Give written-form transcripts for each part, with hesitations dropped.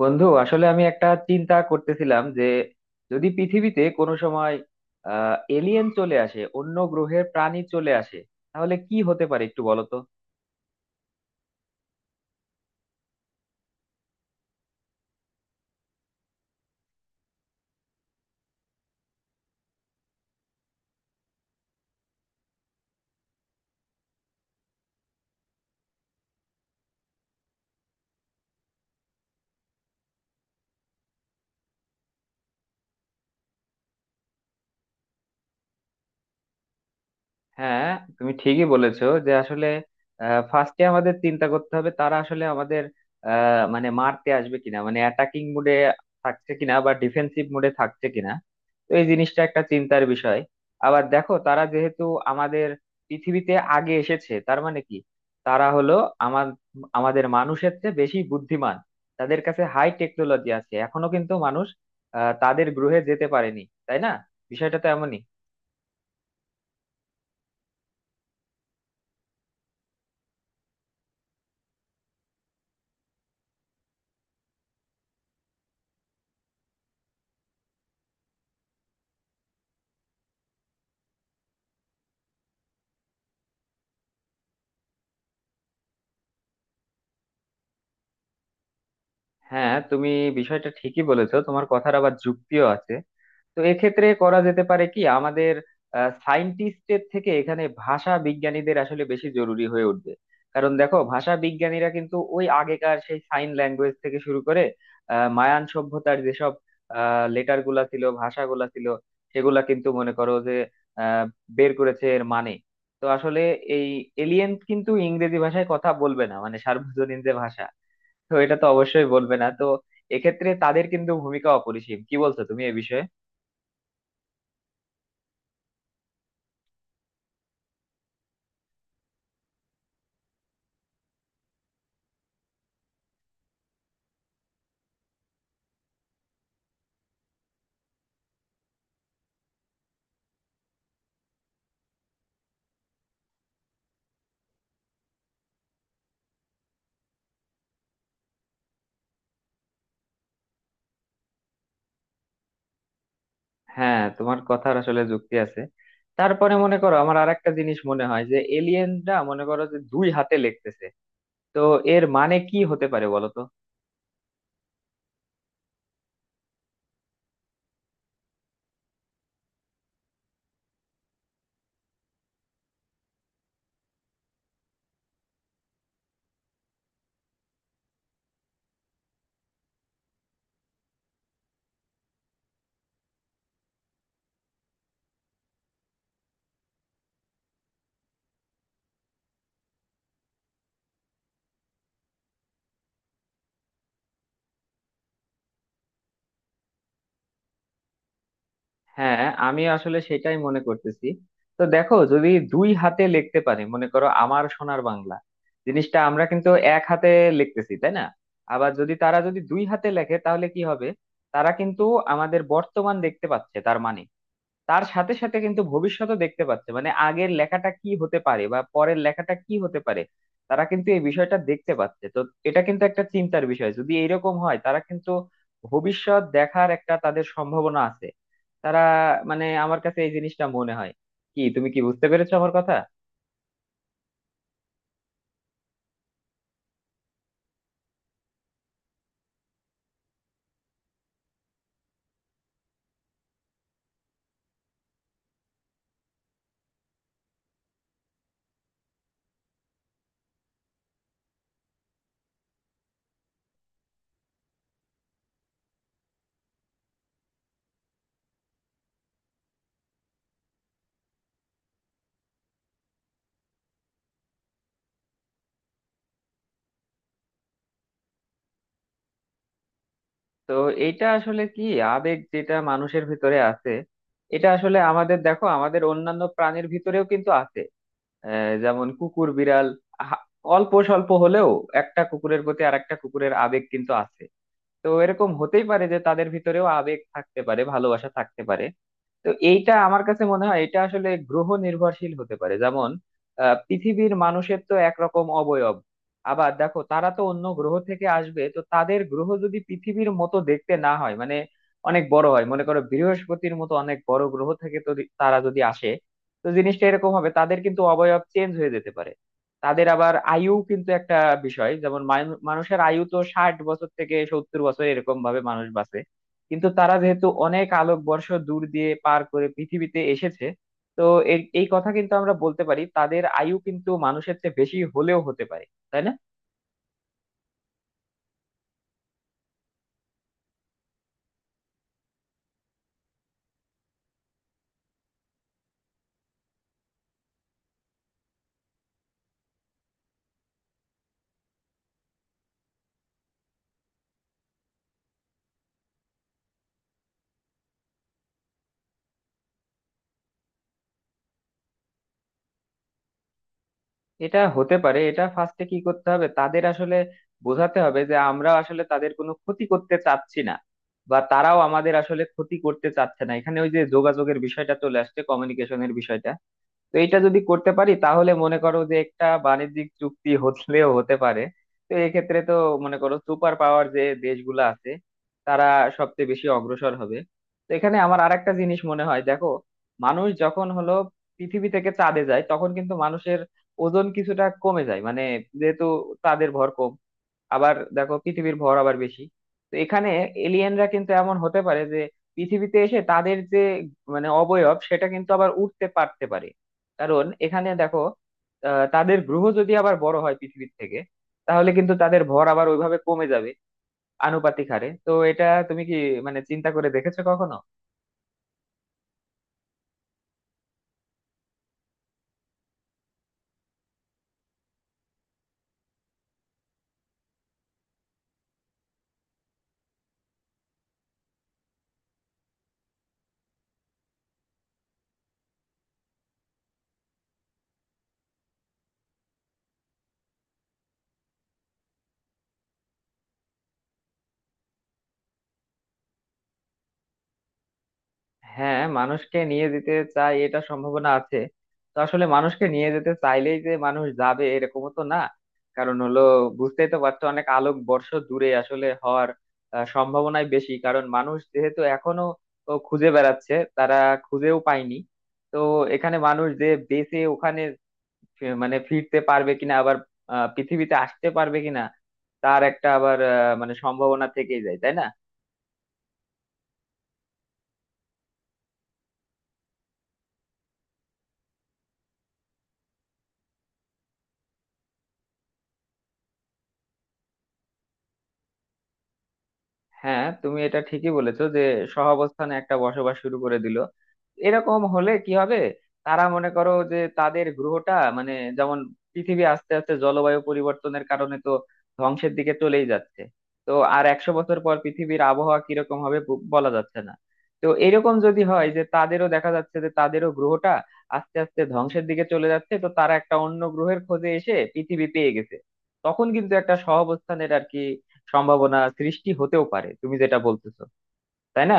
বন্ধু, আসলে আমি একটা চিন্তা করতেছিলাম যে যদি পৃথিবীতে কোনো সময় এলিয়েন চলে আসে, অন্য গ্রহের প্রাণী চলে আসে, তাহলে কি হতে পারে একটু বলো তো। হ্যাঁ, তুমি ঠিকই বলেছো যে আসলে ফার্স্টে আমাদের চিন্তা করতে হবে তারা আসলে আমাদের মানে মারতে আসবে কিনা, মানে অ্যাটাকিং মুডে থাকছে কিনা বা ডিফেন্সিভ মুডে থাকছে কিনা। তো এই জিনিসটা একটা চিন্তার বিষয়। আবার দেখো, তারা যেহেতু আমাদের পৃথিবীতে আগে এসেছে, তার মানে কি তারা হলো আমার আমাদের মানুষের চেয়ে বেশি বুদ্ধিমান। তাদের কাছে হাই টেকনোলজি আছে, এখনো কিন্তু মানুষ তাদের গ্রহে যেতে পারেনি, তাই না? বিষয়টা তো এমনই। হ্যাঁ, তুমি বিষয়টা ঠিকই বলেছো, তোমার কথার আবার যুক্তিও আছে। তো এক্ষেত্রে করা যেতে পারে কি, আমাদের সায়েন্টিস্টের থেকে এখানে ভাষা বিজ্ঞানীদের আসলে বেশি জরুরি হয়ে উঠবে। কারণ দেখো, ভাষা বিজ্ঞানীরা কিন্তু ওই আগেকার সেই সাইন ল্যাঙ্গুয়েজ থেকে শুরু করে মায়ান সভ্যতার যেসব লেটার গুলা ছিল, ভাষাগুলা ছিল, সেগুলা কিন্তু মনে করো যে আহ, বের করেছে, এর মানে। তো আসলে এই এলিয়েন কিন্তু ইংরেজি ভাষায় কথা বলবে না, মানে সার্বজনীন যে ভাষা, তো এটা তো অবশ্যই বলবে না। তো এক্ষেত্রে তাদের কিন্তু ভূমিকা অপরিসীম। কি বলছো তুমি এ বিষয়ে? হ্যাঁ, তোমার কথার আসলে যুক্তি আছে। তারপরে মনে করো, আমার আর একটা জিনিস মনে হয় যে এলিয়েনরা মনে করো যে দুই হাতে লিখতেছে। তো এর মানে কি হতে পারে বলো তো? হ্যাঁ, আমি আসলে সেটাই মনে করতেছি। তো দেখো, যদি দুই হাতে লিখতে পারে, মনে করো আমার সোনার বাংলা জিনিসটা আমরা কিন্তু এক হাতে লিখতেছি, তাই না? আবার যদি তারা যদি দুই হাতে লেখে তাহলে কি হবে? তারা কিন্তু আমাদের বর্তমান দেখতে পাচ্ছে, তার মানে তার সাথে সাথে কিন্তু ভবিষ্যতও দেখতে পাচ্ছে, মানে আগের লেখাটা কি হতে পারে বা পরের লেখাটা কি হতে পারে, তারা কিন্তু এই বিষয়টা দেখতে পাচ্ছে। তো এটা কিন্তু একটা চিন্তার বিষয়। যদি এরকম হয়, তারা কিন্তু ভবিষ্যৎ দেখার একটা তাদের সম্ভাবনা আছে। তারা মানে আমার কাছে এই জিনিসটা মনে হয়। কি, তুমি কি বুঝতে পেরেছো আমার কথা? তো এইটা আসলে কি, আবেগ যেটা মানুষের ভিতরে আছে, এটা আসলে আমাদের, দেখো, আমাদের অন্যান্য প্রাণীর ভিতরেও কিন্তু আছে। যেমন কুকুর, বিড়াল, হা- অল্প স্বল্প হলেও একটা কুকুরের প্রতি আর একটা কুকুরের আবেগ কিন্তু আছে। তো এরকম হতেই পারে যে তাদের ভিতরেও আবেগ থাকতে পারে, ভালোবাসা থাকতে পারে। তো এইটা আমার কাছে মনে হয়, এটা আসলে গ্রহ নির্ভরশীল হতে পারে। যেমন, পৃথিবীর মানুষের তো একরকম অবয়ব। আবার দেখো, তারা তো অন্য গ্রহ থেকে আসবে, তো তাদের গ্রহ যদি পৃথিবীর মতো দেখতে না হয়, মানে অনেক বড় হয়, মনে করো বৃহস্পতির মতো অনেক বড় গ্রহ থেকে, তো তারা যদি আসে, তো জিনিসটা এরকম হবে, তাদের কিন্তু অবয়ব চেঞ্জ হয়ে যেতে পারে। তাদের আবার আয়ু কিন্তু একটা বিষয়। যেমন, মানুষের আয়ু তো 60 বছর থেকে 70 বছর, এরকম ভাবে মানুষ বাঁচে। কিন্তু তারা যেহেতু অনেক আলোকবর্ষ দূর দিয়ে পার করে পৃথিবীতে এসেছে, তো এই কথা কিন্তু আমরা বলতে পারি, তাদের আয়ু কিন্তু মানুষের চেয়ে বেশি হলেও হতে পারে, তাই না? এটা হতে পারে। এটা ফার্স্টে কি করতে হবে, তাদের আসলে বোঝাতে হবে যে আমরা আসলে তাদের কোনো ক্ষতি করতে চাচ্ছি না, বা তারাও আমাদের আসলে ক্ষতি করতে চাচ্ছে না। এখানে ওই যে যোগাযোগের বিষয়টা চলে আসছে, কমিউনিকেশনের বিষয়টা। তো এটা যদি করতে পারি তাহলে মনে করো যে একটা বাণিজ্যিক চুক্তি হলেও হতে পারে। তো এক্ষেত্রে তো, মনে করো সুপার পাওয়ার যে দেশগুলো আছে, তারা সবচেয়ে বেশি অগ্রসর হবে। তো এখানে আমার আরেকটা জিনিস মনে হয়, দেখো, মানুষ যখন হলো পৃথিবী থেকে চাঁদে যায়, তখন কিন্তু মানুষের ওজন কিছুটা কমে যায়, মানে যেহেতু চাঁদের ভর কম, আবার দেখো পৃথিবীর ভর আবার বেশি। তো এখানে এলিয়েনরা কিন্তু এমন হতে পারে যে পৃথিবীতে এসে তাদের যে মানে অবয়ব, সেটা কিন্তু আবার উঠতে পারতে পারে। কারণ এখানে দেখো, তাদের গ্রহ যদি আবার বড় হয় পৃথিবীর থেকে, তাহলে কিন্তু তাদের ভর আবার ওইভাবে কমে যাবে, আনুপাতিক হারে। তো এটা তুমি কি মানে চিন্তা করে দেখেছো কখনো? হ্যাঁ, মানুষকে নিয়ে যেতে চাই, এটা সম্ভাবনা আছে। তো আসলে মানুষকে নিয়ে যেতে চাইলেই যে মানুষ যাবে, এরকমও তো না। কারণ হলো, বুঝতেই তো পারছো, অনেক আলোক বর্ষ দূরে আসলে হওয়ার সম্ভাবনাই বেশি। কারণ মানুষ যেহেতু এখনো ও খুঁজে বেড়াচ্ছে, তারা খুঁজেও পায়নি। তো এখানে মানুষ যে বেঁচে ওখানে মানে ফিরতে পারবে কিনা, আবার পৃথিবীতে আসতে পারবে কিনা, তার একটা আবার মানে সম্ভাবনা থেকেই যায়, তাই না? হ্যাঁ, তুমি এটা ঠিকই বলেছো যে সহাবস্থানে একটা বসবাস শুরু করে দিল, এরকম হলে কি হবে? তারা মনে করো যে তাদের গ্রহটা, মানে যেমন পৃথিবী আস্তে আস্তে জলবায়ু পরিবর্তনের কারণে তো ধ্বংসের দিকে চলেই যাচ্ছে, তো আর 100 বছর পর পৃথিবীর আবহাওয়া কিরকম হবে বলা যাচ্ছে না। তো এরকম যদি হয় যে তাদেরও দেখা যাচ্ছে যে তাদেরও গ্রহটা আস্তে আস্তে ধ্বংসের দিকে চলে যাচ্ছে, তো তারা একটা অন্য গ্রহের খোঁজে এসে পৃথিবী পেয়ে গেছে, তখন কিন্তু একটা সহাবস্থানের, আর কি, সম্ভাবনা সৃষ্টি হতেও পারে, তুমি যেটা বলতেছো, তাই না?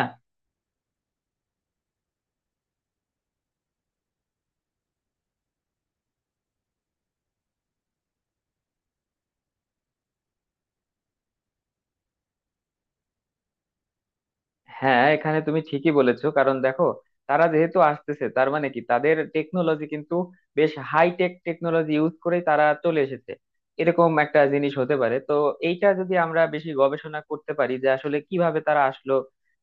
হ্যাঁ, এখানে তুমি ঠিকই বলেছো। কারণ দেখো, তারা যেহেতু আসতেছে, তার মানে কি, তাদের টেকনোলজি কিন্তু বেশ হাই টেক টেকনোলজি ইউজ করেই তারা চলে এসেছে, এরকম একটা জিনিস হতে পারে। তো এইটা যদি আমরা বেশি গবেষণা করতে পারি যে আসলে কিভাবে তারা আসলো,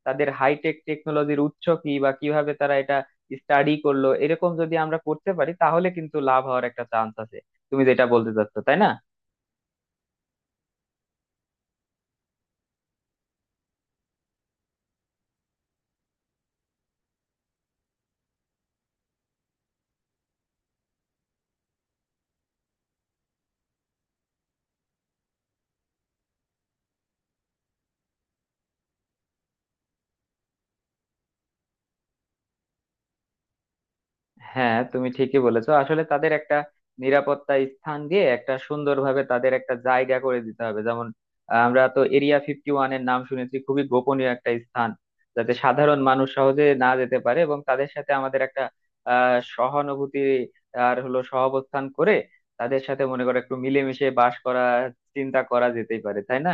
তাদের হাই টেক টেকনোলজির উৎস কি, বা কিভাবে তারা এটা স্টাডি করলো, এরকম যদি আমরা করতে পারি তাহলে কিন্তু লাভ হওয়ার একটা চান্স আছে, তুমি যেটা বলতে চাচ্ছো, তাই না? হ্যাঁ, তুমি ঠিকই বলেছো। আসলে তাদের একটা নিরাপত্তা স্থান দিয়ে একটা সুন্দরভাবে তাদের একটা জায়গা করে দিতে হবে। যেমন, আমরা তো এরিয়া 51 এর নাম শুনেছি, খুবই গোপনীয় একটা স্থান, যাতে সাধারণ মানুষ সহজে না যেতে পারে। এবং তাদের সাথে আমাদের একটা সহানুভূতি আর হলো সহাবস্থান করে, তাদের সাথে মনে করো একটু মিলেমিশে বাস করা, চিন্তা করা যেতেই পারে, তাই না?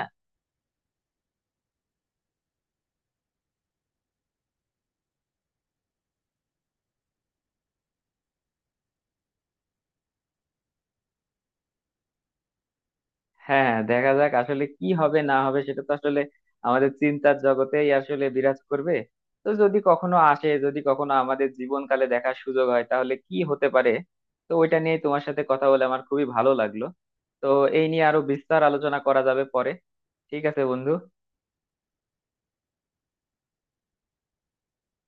হ্যাঁ হ্যাঁ, দেখা যাক আসলে কি হবে না হবে, সেটা তো আসলে আমাদের চিন্তার জগতেই আসলে বিরাজ করবে। তো যদি কখনো আসে, যদি কখনো আমাদের জীবনকালে দেখার সুযোগ হয়, তাহলে কি হতে পারে। তো ওইটা নিয়ে তোমার সাথে কথা বলে আমার খুবই ভালো লাগলো। তো এই নিয়ে আরো বিস্তার আলোচনা করা যাবে পরে। ঠিক আছে বন্ধু।